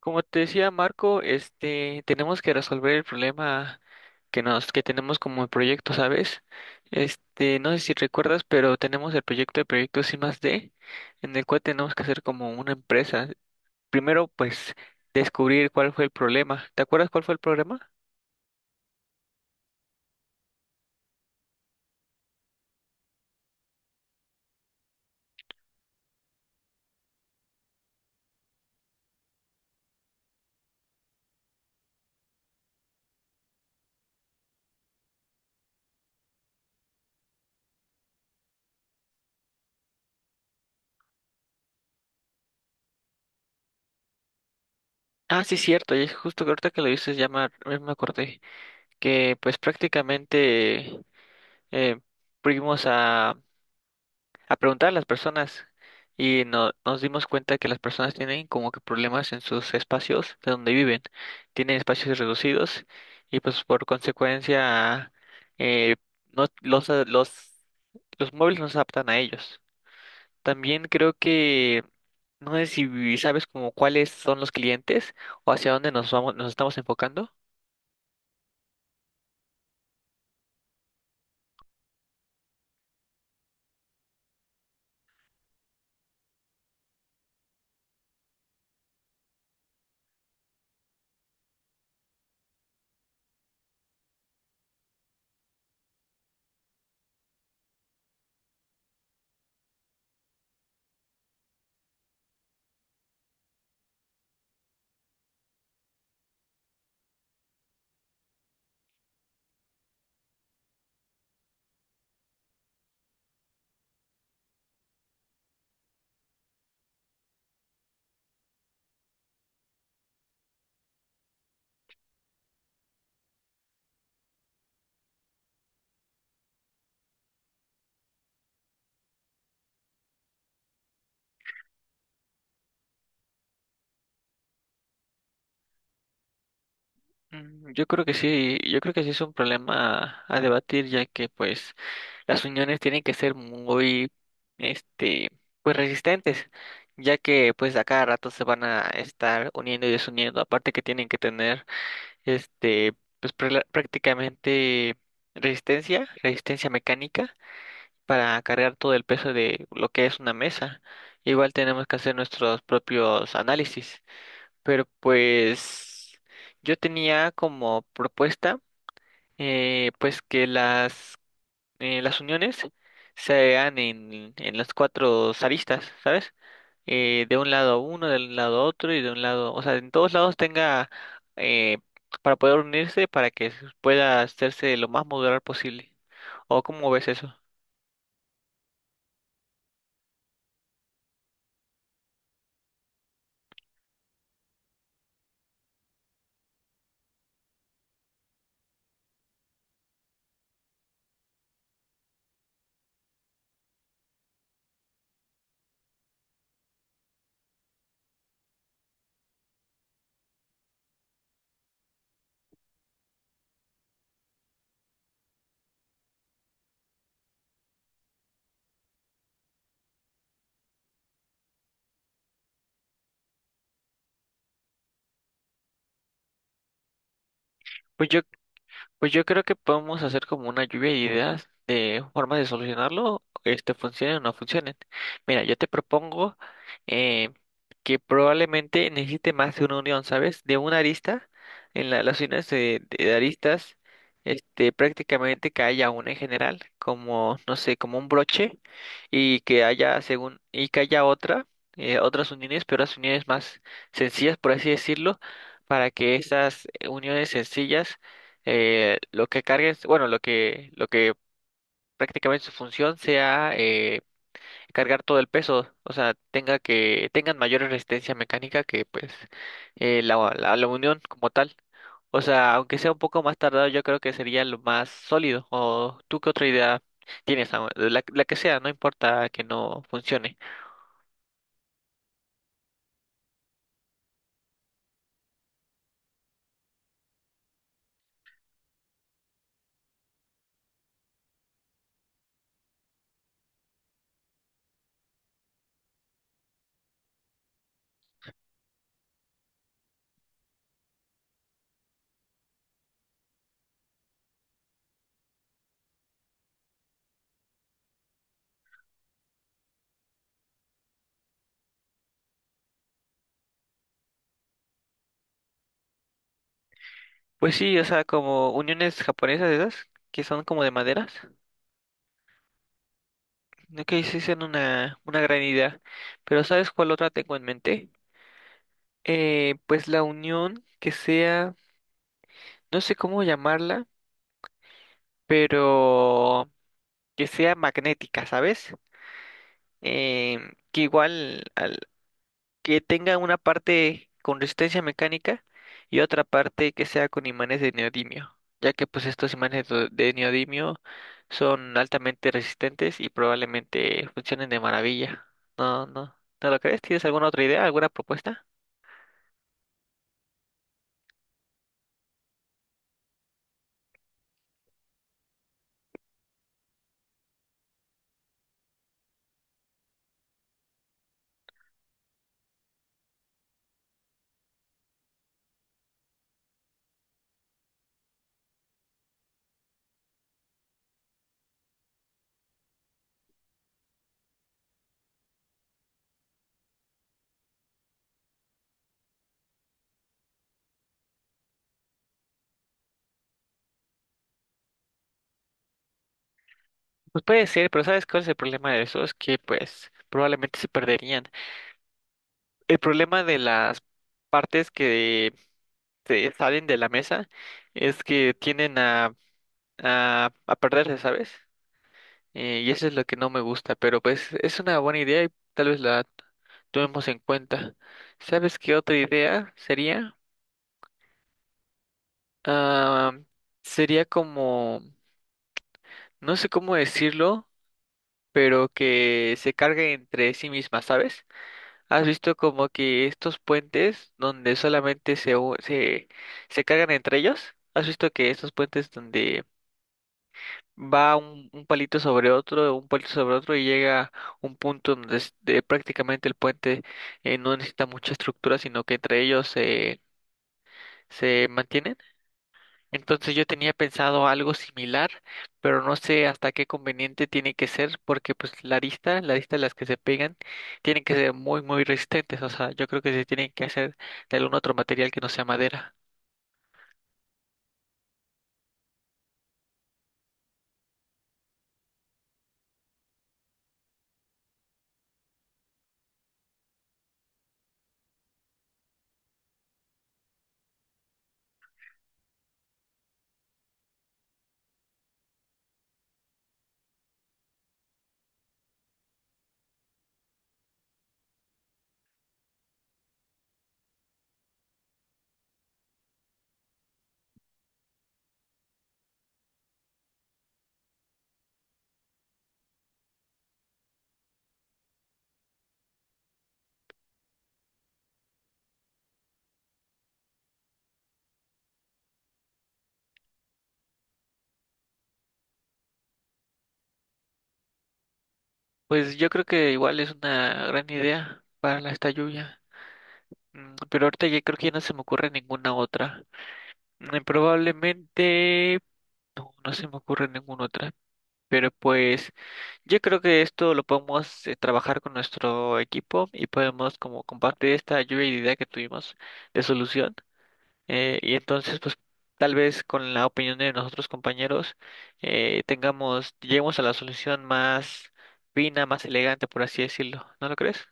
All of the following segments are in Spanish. Como te decía Marco, tenemos que resolver el problema que tenemos como el proyecto, ¿sabes? No sé si recuerdas, pero tenemos el proyecto de proyectos I más D, en el cual tenemos que hacer como una empresa. Primero, pues, descubrir cuál fue el problema. ¿Te acuerdas cuál fue el problema? Ah, sí, cierto, y es justo que ahorita que lo dices, ya me acordé, que pues prácticamente eh, fuimos a preguntar a las personas y nos dimos cuenta que las personas tienen como que problemas en sus espacios de donde viven, tienen espacios reducidos y pues por consecuencia eh, no, los muebles no se adaptan a ellos. También creo que no sé si sabes como cuáles son los clientes o hacia dónde nos estamos enfocando. Yo creo que sí, yo creo que sí es un problema a debatir, ya que pues las uniones tienen que ser muy, este, pues resistentes, ya que pues a cada rato se van a estar uniendo y desuniendo, aparte que tienen que tener, este, pues prácticamente resistencia mecánica para cargar todo el peso de lo que es una mesa. Igual tenemos que hacer nuestros propios análisis. Pero pues yo tenía como propuesta pues que las uniones se hagan en las cuatro aristas, ¿sabes? De un lado uno, del lado otro y de un lado, o sea, en todos lados tenga eh, para poder unirse para que pueda hacerse lo más modular posible. ¿O cómo ves eso? Pues yo creo que podemos hacer como una lluvia de ideas de formas de solucionarlo, este funcione o no funcione. Mira, yo te propongo eh, que probablemente necesite más de una unión, ¿sabes? De una arista, en las uniones de aristas, prácticamente que haya una en general, como, no sé, como un broche, y que haya y que haya otra, otras uniones, pero las uniones más sencillas, por así decirlo, para que esas uniones sencillas lo que cargues, bueno, lo que prácticamente su función sea cargar todo el peso, o sea, tengan mayor resistencia mecánica que pues la unión como tal. O sea, aunque sea un poco más tardado, yo creo que sería lo más sólido. ¿O tú qué otra idea tienes? ¿Samuel? La que sea, no importa que no funcione. Pues sí, o sea, como uniones japonesas esas, que son como de maderas. Ok, sí, son una gran idea. Pero ¿sabes cuál otra tengo en mente? Pues la unión que sea, no sé cómo llamarla, pero que sea magnética, ¿sabes? Eh, que igual que tenga una parte con resistencia mecánica y otra parte que sea con imanes de neodimio, ya que pues estos imanes de neodimio son altamente resistentes y probablemente funcionen de maravilla. No, no, ¿No lo crees? ¿Tienes alguna otra idea, alguna propuesta? Pues puede ser, pero ¿sabes cuál es el problema de eso? Es que pues probablemente se perderían. El problema de las partes que se salen de la mesa es que tienden a perderse, ¿sabes? Y eso es lo que no me gusta, pero pues es una buena idea y tal vez la tomemos en cuenta. ¿Sabes qué otra idea sería? Ah, Sería como, no sé cómo decirlo, pero que se cargue entre sí misma, ¿sabes? ¿Has visto como que estos puentes donde solamente se se cargan entre ellos? ¿Has visto que estos puentes donde va un palito sobre otro, un palito sobre otro y llega un punto donde de prácticamente el puente no necesita mucha estructura, sino que entre ellos se mantiene? Entonces yo tenía pensado algo similar, pero no sé hasta qué conveniente tiene que ser, porque pues la arista de las que se pegan, tienen que ser muy, muy resistentes. O sea, yo creo que se tienen que hacer de algún otro material que no sea madera. Pues yo creo que igual es una gran idea para esta lluvia. Pero ahorita ya creo que ya no se me ocurre ninguna otra. Probablemente no se me ocurre ninguna otra. Pero pues yo creo que esto lo podemos trabajar con nuestro equipo y podemos como compartir esta lluvia de idea que tuvimos de solución. Y entonces, pues tal vez con la opinión de nosotros compañeros lleguemos a la solución más fina, más elegante, por así decirlo. ¿No lo crees?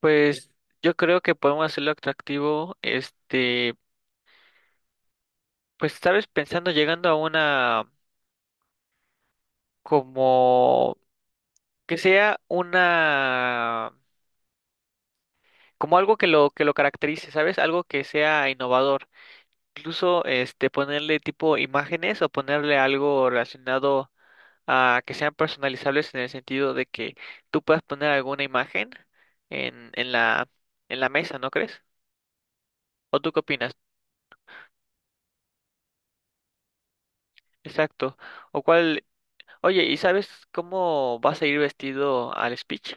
Pues yo creo que podemos hacerlo atractivo, pues sabes, pensando, llegando a una como que sea una como algo que lo caracterice, ¿sabes? Algo que sea innovador. Incluso este ponerle tipo imágenes o ponerle algo relacionado a que sean personalizables en el sentido de que tú puedas poner alguna imagen en, en la en la mesa, ¿no crees? ¿O tú qué opinas? Exacto. O cuál, oye, ¿y sabes cómo vas a ir vestido al speech?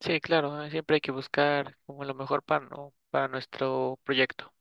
Sí, claro, siempre hay que buscar como lo mejor para, para nuestro proyecto.